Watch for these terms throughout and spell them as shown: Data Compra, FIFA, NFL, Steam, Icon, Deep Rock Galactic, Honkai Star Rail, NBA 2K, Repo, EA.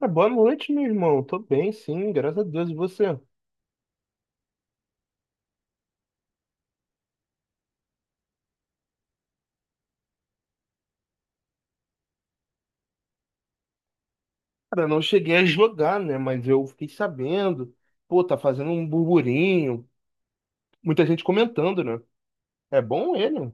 Ah, boa noite, meu irmão. Tô bem, sim, graças a Deus. E você? Cara, não cheguei a jogar, né? Mas eu fiquei sabendo. Pô, tá fazendo um burburinho. Muita gente comentando, né? É bom ele.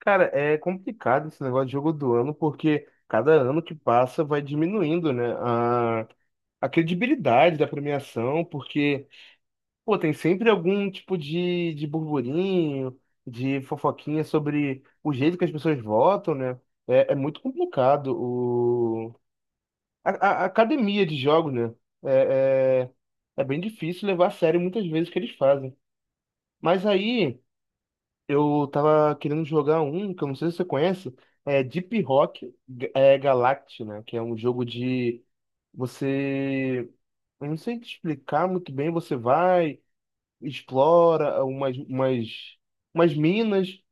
Cara, é complicado esse negócio de jogo do ano, porque cada ano que passa vai diminuindo, né? A credibilidade da premiação, porque, pô, tem sempre algum tipo de burburinho, de fofoquinha sobre o jeito que as pessoas votam, né? É muito complicado. A academia de jogos, né? É, é, é bem difícil levar a sério muitas vezes o que eles fazem. Mas aí eu tava querendo jogar um, que eu não sei se você conhece, é Deep Rock, é, Galactic, né? Que é um jogo de você. Eu não sei te explicar muito bem, você vai, explora umas minas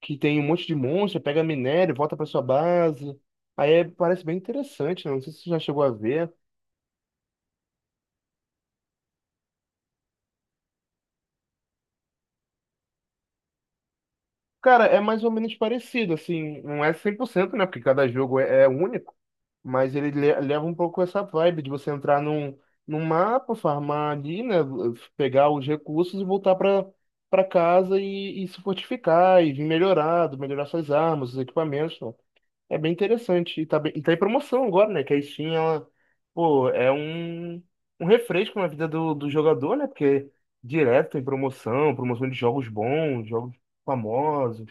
que tem um monte de monstro, pega minério, volta pra sua base. Aí é- parece bem interessante, né? Não sei se você já chegou a ver. Cara, é mais ou menos parecido, assim, não é cem por cento, né? Porque cada jogo é único, mas ele leva um pouco essa vibe de você entrar num mapa, farmar ali, né? Pegar os recursos e voltar para casa e se fortificar e vir melhorado, melhorar suas armas, os equipamentos. Pô, é bem interessante. E tá, e tá em promoção agora, né? Que a Steam, ela, pô, é um refresco na vida do jogador, né? Porque direto tem promoção, promoção de jogos bons, jogos famosos.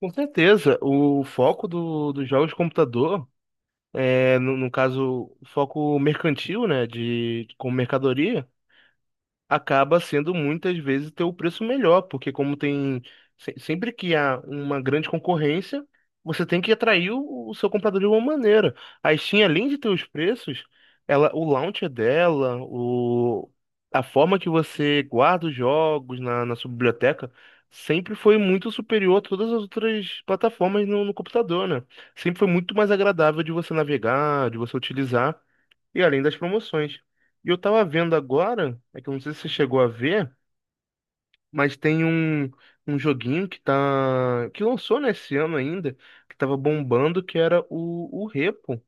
Com certeza, o foco dos jogos de computador, é, no caso, foco mercantil, né, de, como mercadoria, acaba sendo muitas vezes ter o preço melhor, porque como tem sempre que há uma grande concorrência, você tem que atrair o seu comprador de alguma maneira. A Steam, além de ter os preços, ela, o launcher dela, o, a forma que você guarda os jogos na sua biblioteca, sempre foi muito superior a todas as outras plataformas no computador, né? Sempre foi muito mais agradável de você navegar, de você utilizar. E além das promoções. E eu tava vendo agora, é que eu não sei se você chegou a ver, mas tem um, um joguinho que tá, que lançou nesse ano ainda, que tava bombando, que era o Repo.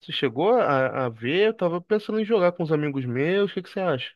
Você chegou a ver? Eu tava pensando em jogar com os amigos meus, o que que você acha?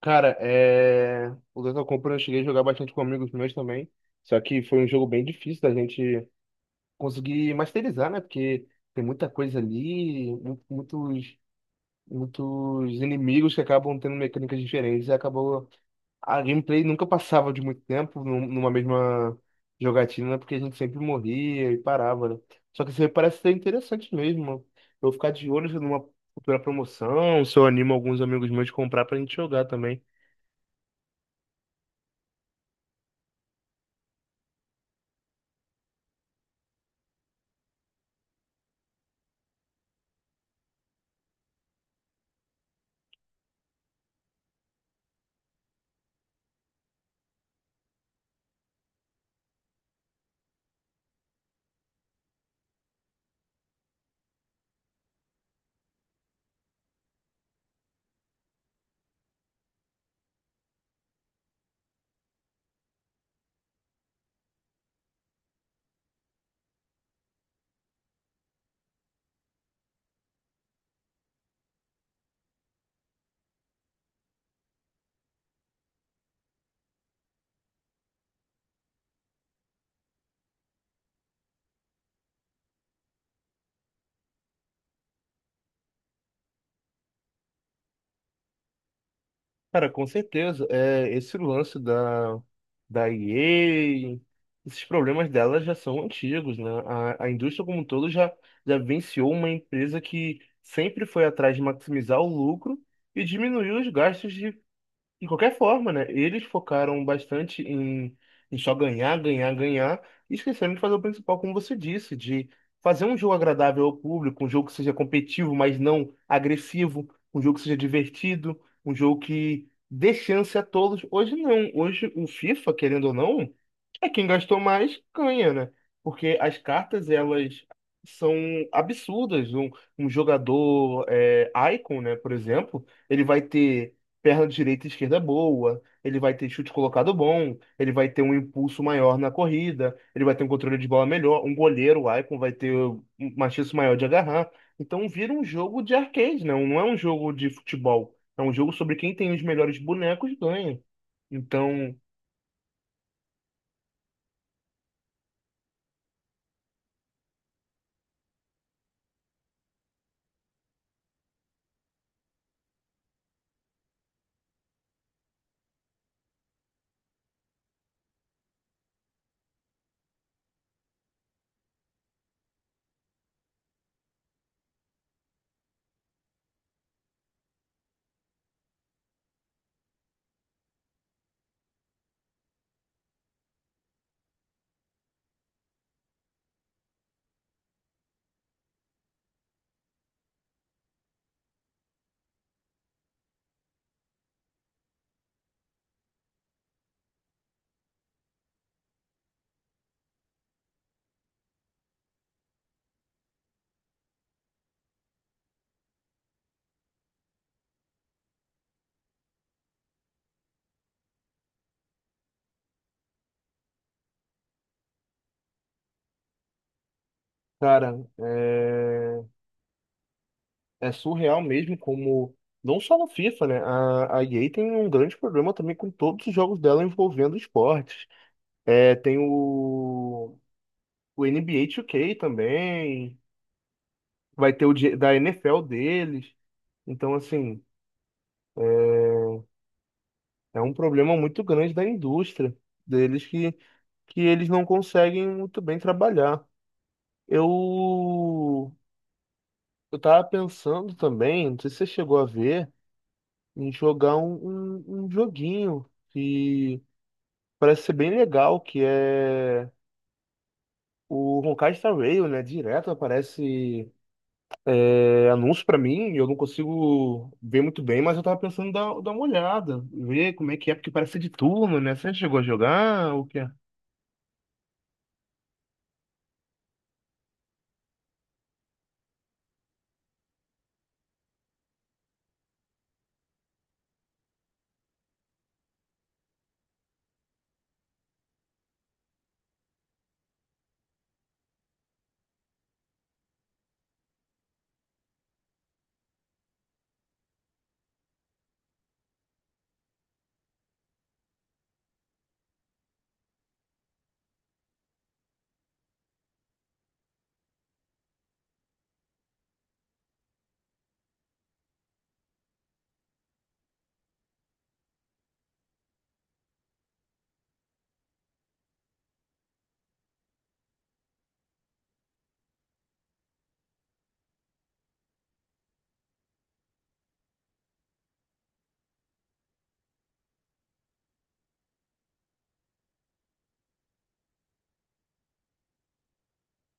Cara, é... o Data Compra eu cheguei a jogar bastante com amigos meus também. Só que foi um jogo bem difícil da gente conseguir masterizar, né? Porque tem muita coisa ali, muitos muitos inimigos que acabam tendo mecânicas diferentes e acabou a gameplay nunca passava de muito tempo numa mesma jogatina, né, porque a gente sempre morria e parava, né? Só que isso aí parece ser interessante mesmo. Eu vou ficar de olho numa futura promoção, se eu animo alguns amigos meus de comprar pra gente jogar também. Cara, com certeza. É, esse lance da EA, esses problemas dela já são antigos, né? A indústria como um todo já venciou uma empresa que sempre foi atrás de maximizar o lucro e diminuiu os gastos de qualquer forma, né? Eles focaram bastante em só ganhar, ganhar, ganhar, e esqueceram de fazer o principal, como você disse, de fazer um jogo agradável ao público, um jogo que seja competitivo, mas não agressivo, um jogo que seja divertido, um jogo que dê chance a todos. Hoje não, hoje o FIFA, querendo ou não, é quem gastou mais ganha, né? Porque as cartas, elas são absurdas. Um jogador é, Icon, né, por exemplo, ele vai ter perna direita e esquerda é boa, ele vai ter chute colocado bom, ele vai ter um impulso maior na corrida, ele vai ter um controle de bola melhor, um goleiro, o Icon vai ter uma chance maior de agarrar. Então vira um jogo de arcade, não, não é um jogo de futebol. É um jogo sobre quem tem os melhores bonecos ganha. Então, cara, é surreal mesmo como. Não só no FIFA, né? A EA tem um grande problema também com todos os jogos dela envolvendo esportes. É, tem o NBA 2K também, vai ter o da NFL deles. Então, assim, é um problema muito grande da indústria deles que eles não conseguem muito bem trabalhar. Eu, eu tava pensando também, não sei se você chegou a ver, em jogar um joguinho que parece ser bem legal, que é o Honkai Star Rail, né? Direto aparece É, anúncio pra mim, eu não consigo ver muito bem, mas eu tava pensando em dar uma olhada, ver como é que é, porque parece ser de turno, né? Você chegou a jogar? O que é?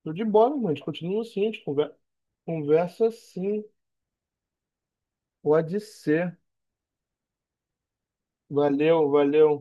Tô de bola, mano. A gente continua assim, a gente conversa assim. Pode ser. Valeu, valeu.